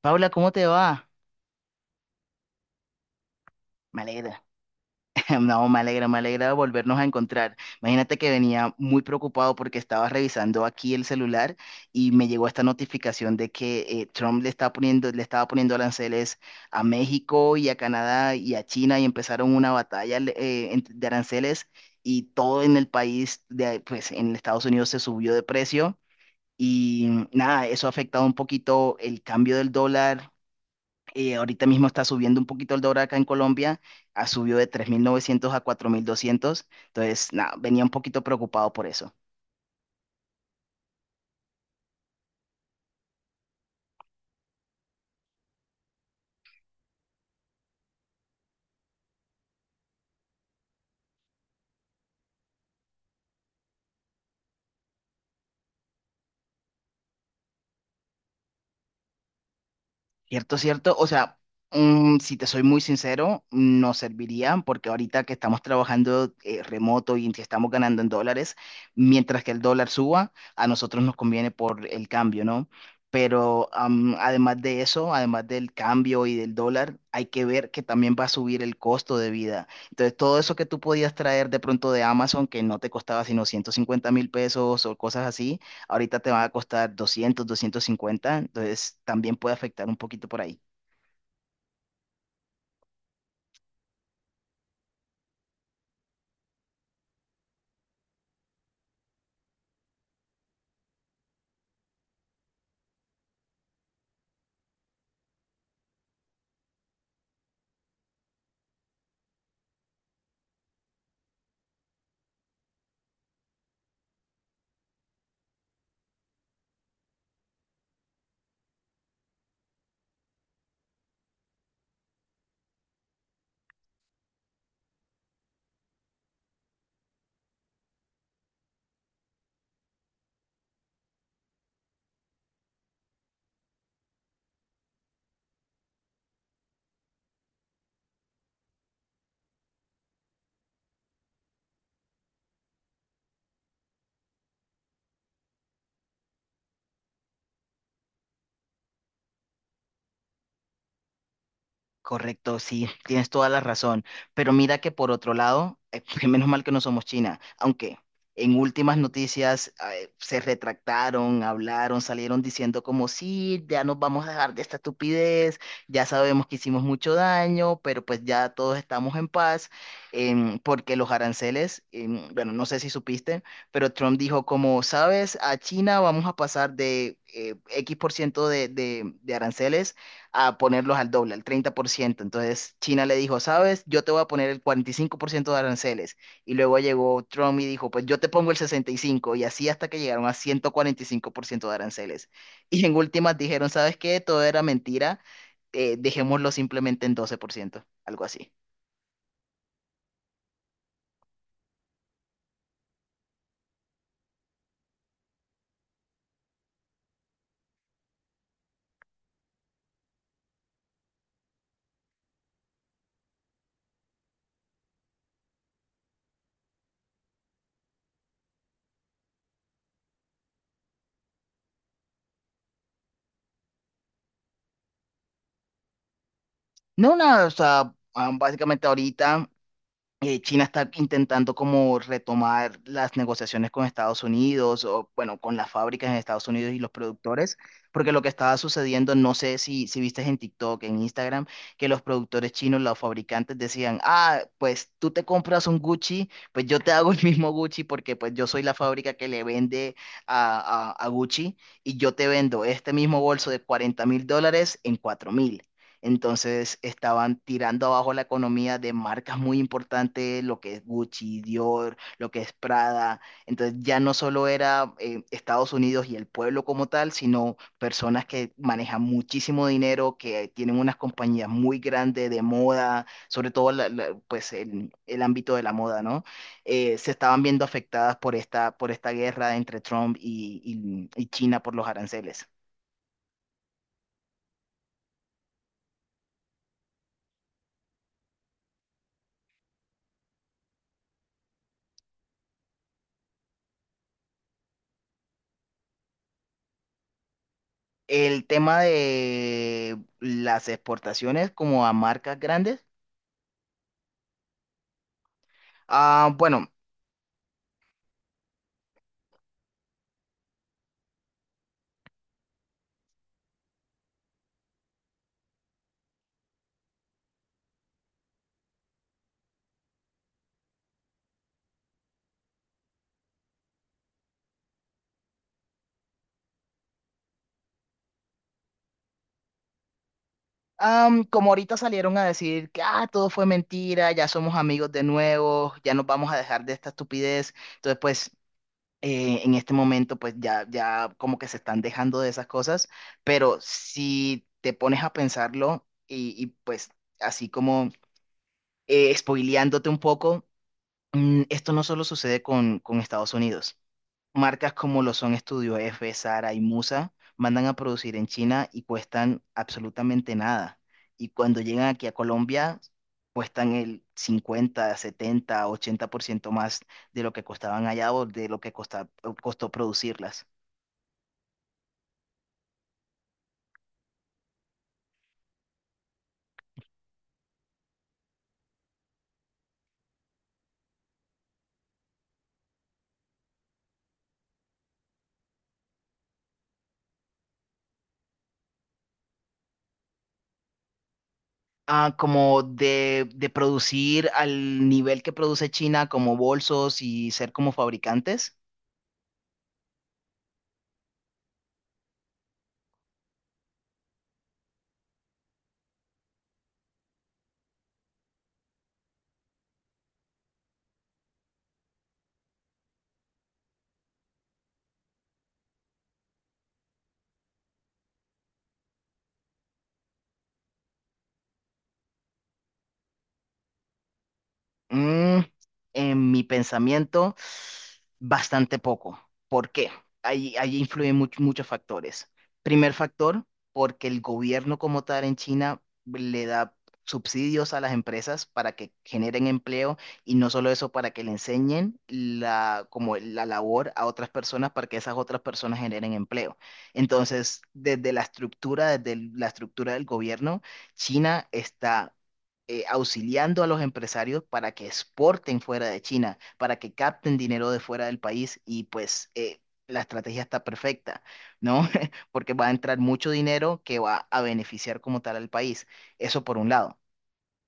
Paula, ¿cómo te va? Me alegra. No, me alegra volvernos a encontrar. Imagínate que venía muy preocupado porque estaba revisando aquí el celular y me llegó esta notificación de que Trump le estaba poniendo aranceles a México y a Canadá y a China y empezaron una batalla de aranceles y todo en el país, pues en Estados Unidos se subió de precio y nada, eso ha afectado un poquito el cambio del dólar. Ahorita mismo está subiendo un poquito el dólar acá en Colombia, ha subido de 3.900 a 4.200. Entonces nada, venía un poquito preocupado por eso. Cierto, cierto. O sea, si te soy muy sincero, no serviría porque ahorita que estamos trabajando remoto y que estamos ganando en dólares, mientras que el dólar suba, a nosotros nos conviene por el cambio, ¿no? Pero además de eso, además del cambio y del dólar, hay que ver que también va a subir el costo de vida. Entonces, todo eso que tú podías traer de pronto de Amazon, que no te costaba sino 150.000 pesos o cosas así, ahorita te va a costar 200, 250. Entonces también puede afectar un poquito por ahí. Correcto, sí, tienes toda la razón. Pero mira que por otro lado, menos mal que no somos China, aunque en últimas noticias se retractaron, hablaron, salieron diciendo como sí, ya nos vamos a dejar de esta estupidez, ya sabemos que hicimos mucho daño, pero pues ya todos estamos en paz. Porque los aranceles, bueno, no sé si supiste, pero Trump dijo como, sabes, a China vamos a pasar de X por ciento de aranceles a ponerlos al doble, al 30%. Entonces China le dijo, sabes, yo te voy a poner el 45% de aranceles. Y luego llegó Trump y dijo, pues yo te pongo el sesenta y cinco por ciento, y así hasta que llegaron a 145% de aranceles. Y en últimas dijeron, ¿sabes qué? Todo era mentira. Dejémoslo simplemente en 12%, algo así. No, nada, o sea, básicamente ahorita China está intentando como retomar las negociaciones con Estados Unidos o bueno, con las fábricas en Estados Unidos y los productores, porque lo que estaba sucediendo, no sé si viste en TikTok, en Instagram, que los productores chinos, los fabricantes decían, ah, pues tú te compras un Gucci, pues yo te hago el mismo Gucci porque pues yo soy la fábrica que le vende a Gucci, y yo te vendo este mismo bolso de $40.000 en 4.000. Entonces estaban tirando abajo la economía de marcas muy importantes, lo que es Gucci, Dior, lo que es Prada. Entonces ya no solo era Estados Unidos y el pueblo como tal, sino personas que manejan muchísimo dinero, que tienen unas compañías muy grandes de moda, sobre todo pues el ámbito de la moda, ¿no? Se estaban viendo afectadas por esta guerra entre Trump y China por los aranceles. El tema de las exportaciones como a marcas grandes. Ah, bueno, como ahorita salieron a decir que todo fue mentira, ya somos amigos de nuevo, ya nos vamos a dejar de esta estupidez. Entonces, pues, en este momento, pues ya, ya como que se están dejando de esas cosas. Pero si te pones a pensarlo pues así como spoileándote un poco, esto no solo sucede con Estados Unidos. Marcas como lo son Estudio F, Zara y Musa mandan a producir en China y cuestan absolutamente nada. Y cuando llegan aquí a Colombia, cuestan el 50, 70, 80% más de lo que costaban allá o de lo que costó producirlas. Ah, como de producir al nivel que produce China, como bolsos y ser como fabricantes. Mm, en mi pensamiento, bastante poco. ¿Por qué? Ahí influyen muchos factores. Primer factor, porque el gobierno como tal en China le da subsidios a las empresas para que generen empleo, y no solo eso, para que le enseñen la, como la labor a otras personas para que esas otras personas generen empleo. Entonces, desde la estructura, desde la estructura del gobierno, China está auxiliando a los empresarios para que exporten fuera de China, para que capten dinero de fuera del país, y pues la estrategia está perfecta, ¿no? Porque va a entrar mucho dinero que va a beneficiar como tal al país. Eso por un lado.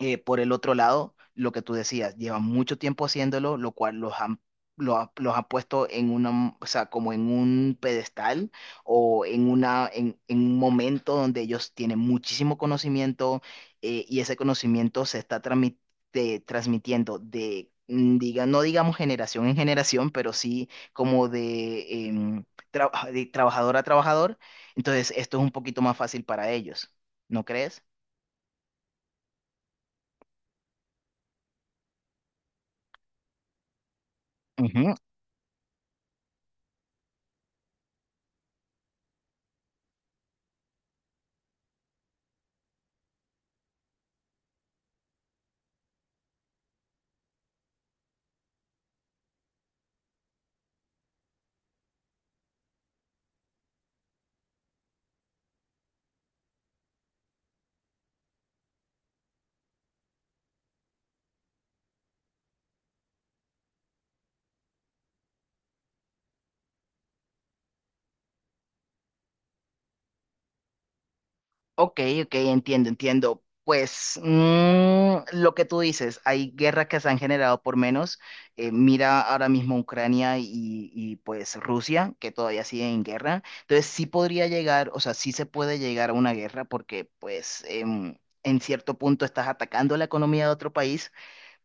Por el otro lado, lo que tú decías, llevan mucho tiempo haciéndolo, lo cual los ha puesto en una, o sea, como en un pedestal o en un momento donde ellos tienen muchísimo conocimiento, y ese conocimiento se está transmitiendo de, no digamos generación en generación, pero sí como de, de trabajador a trabajador. Entonces, esto es un poquito más fácil para ellos, ¿no crees? Ujú. Ok, ok, entiendo, entiendo. Pues lo que tú dices, hay guerras que se han generado por menos. Mira ahora mismo Ucrania pues Rusia, que todavía siguen en guerra. Entonces sí podría llegar, o sea, sí se puede llegar a una guerra porque pues en cierto punto estás atacando la economía de otro país,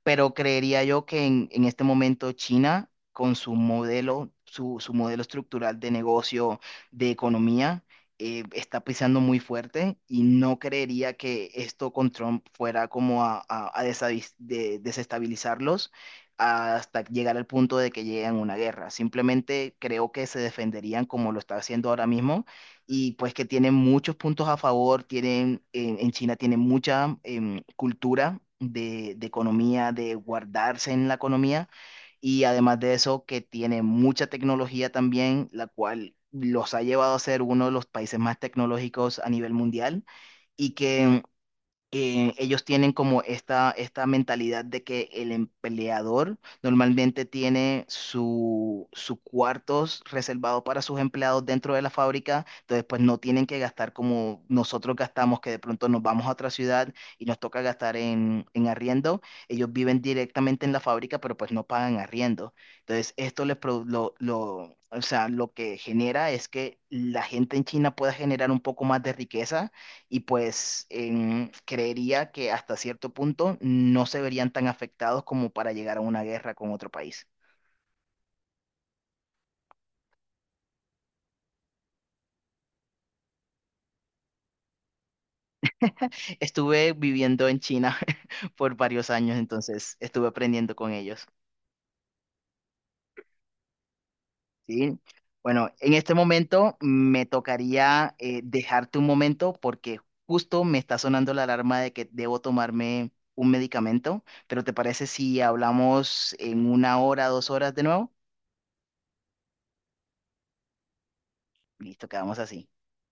pero creería yo que en este momento China, con su modelo, su modelo estructural de negocio, de economía, está pisando muy fuerte, y no creería que esto con Trump fuera como desestabilizarlos hasta llegar al punto de que lleguen a una guerra. Simplemente creo que se defenderían como lo está haciendo ahora mismo, y pues que tienen muchos puntos a favor. En China tienen mucha cultura de economía, de guardarse en la economía, y además de eso que tiene mucha tecnología también, la cual los ha llevado a ser uno de los países más tecnológicos a nivel mundial, y que ellos tienen como esta mentalidad de que el empleador normalmente tiene su cuartos reservado para sus empleados dentro de la fábrica. Entonces pues no tienen que gastar como nosotros gastamos, que de pronto nos vamos a otra ciudad y nos toca gastar en arriendo. Ellos viven directamente en la fábrica, pero pues no pagan arriendo. Entonces esto les o sea, lo que genera es que la gente en China pueda generar un poco más de riqueza, y pues creería que hasta cierto punto no se verían tan afectados como para llegar a una guerra con otro país. Estuve viviendo en China por varios años, entonces estuve aprendiendo con ellos, ¿sí? Bueno, en este momento me tocaría dejarte un momento porque justo me está sonando la alarma de que debo tomarme un medicamento, pero ¿te parece si hablamos en una hora, dos horas de nuevo? Listo, quedamos así.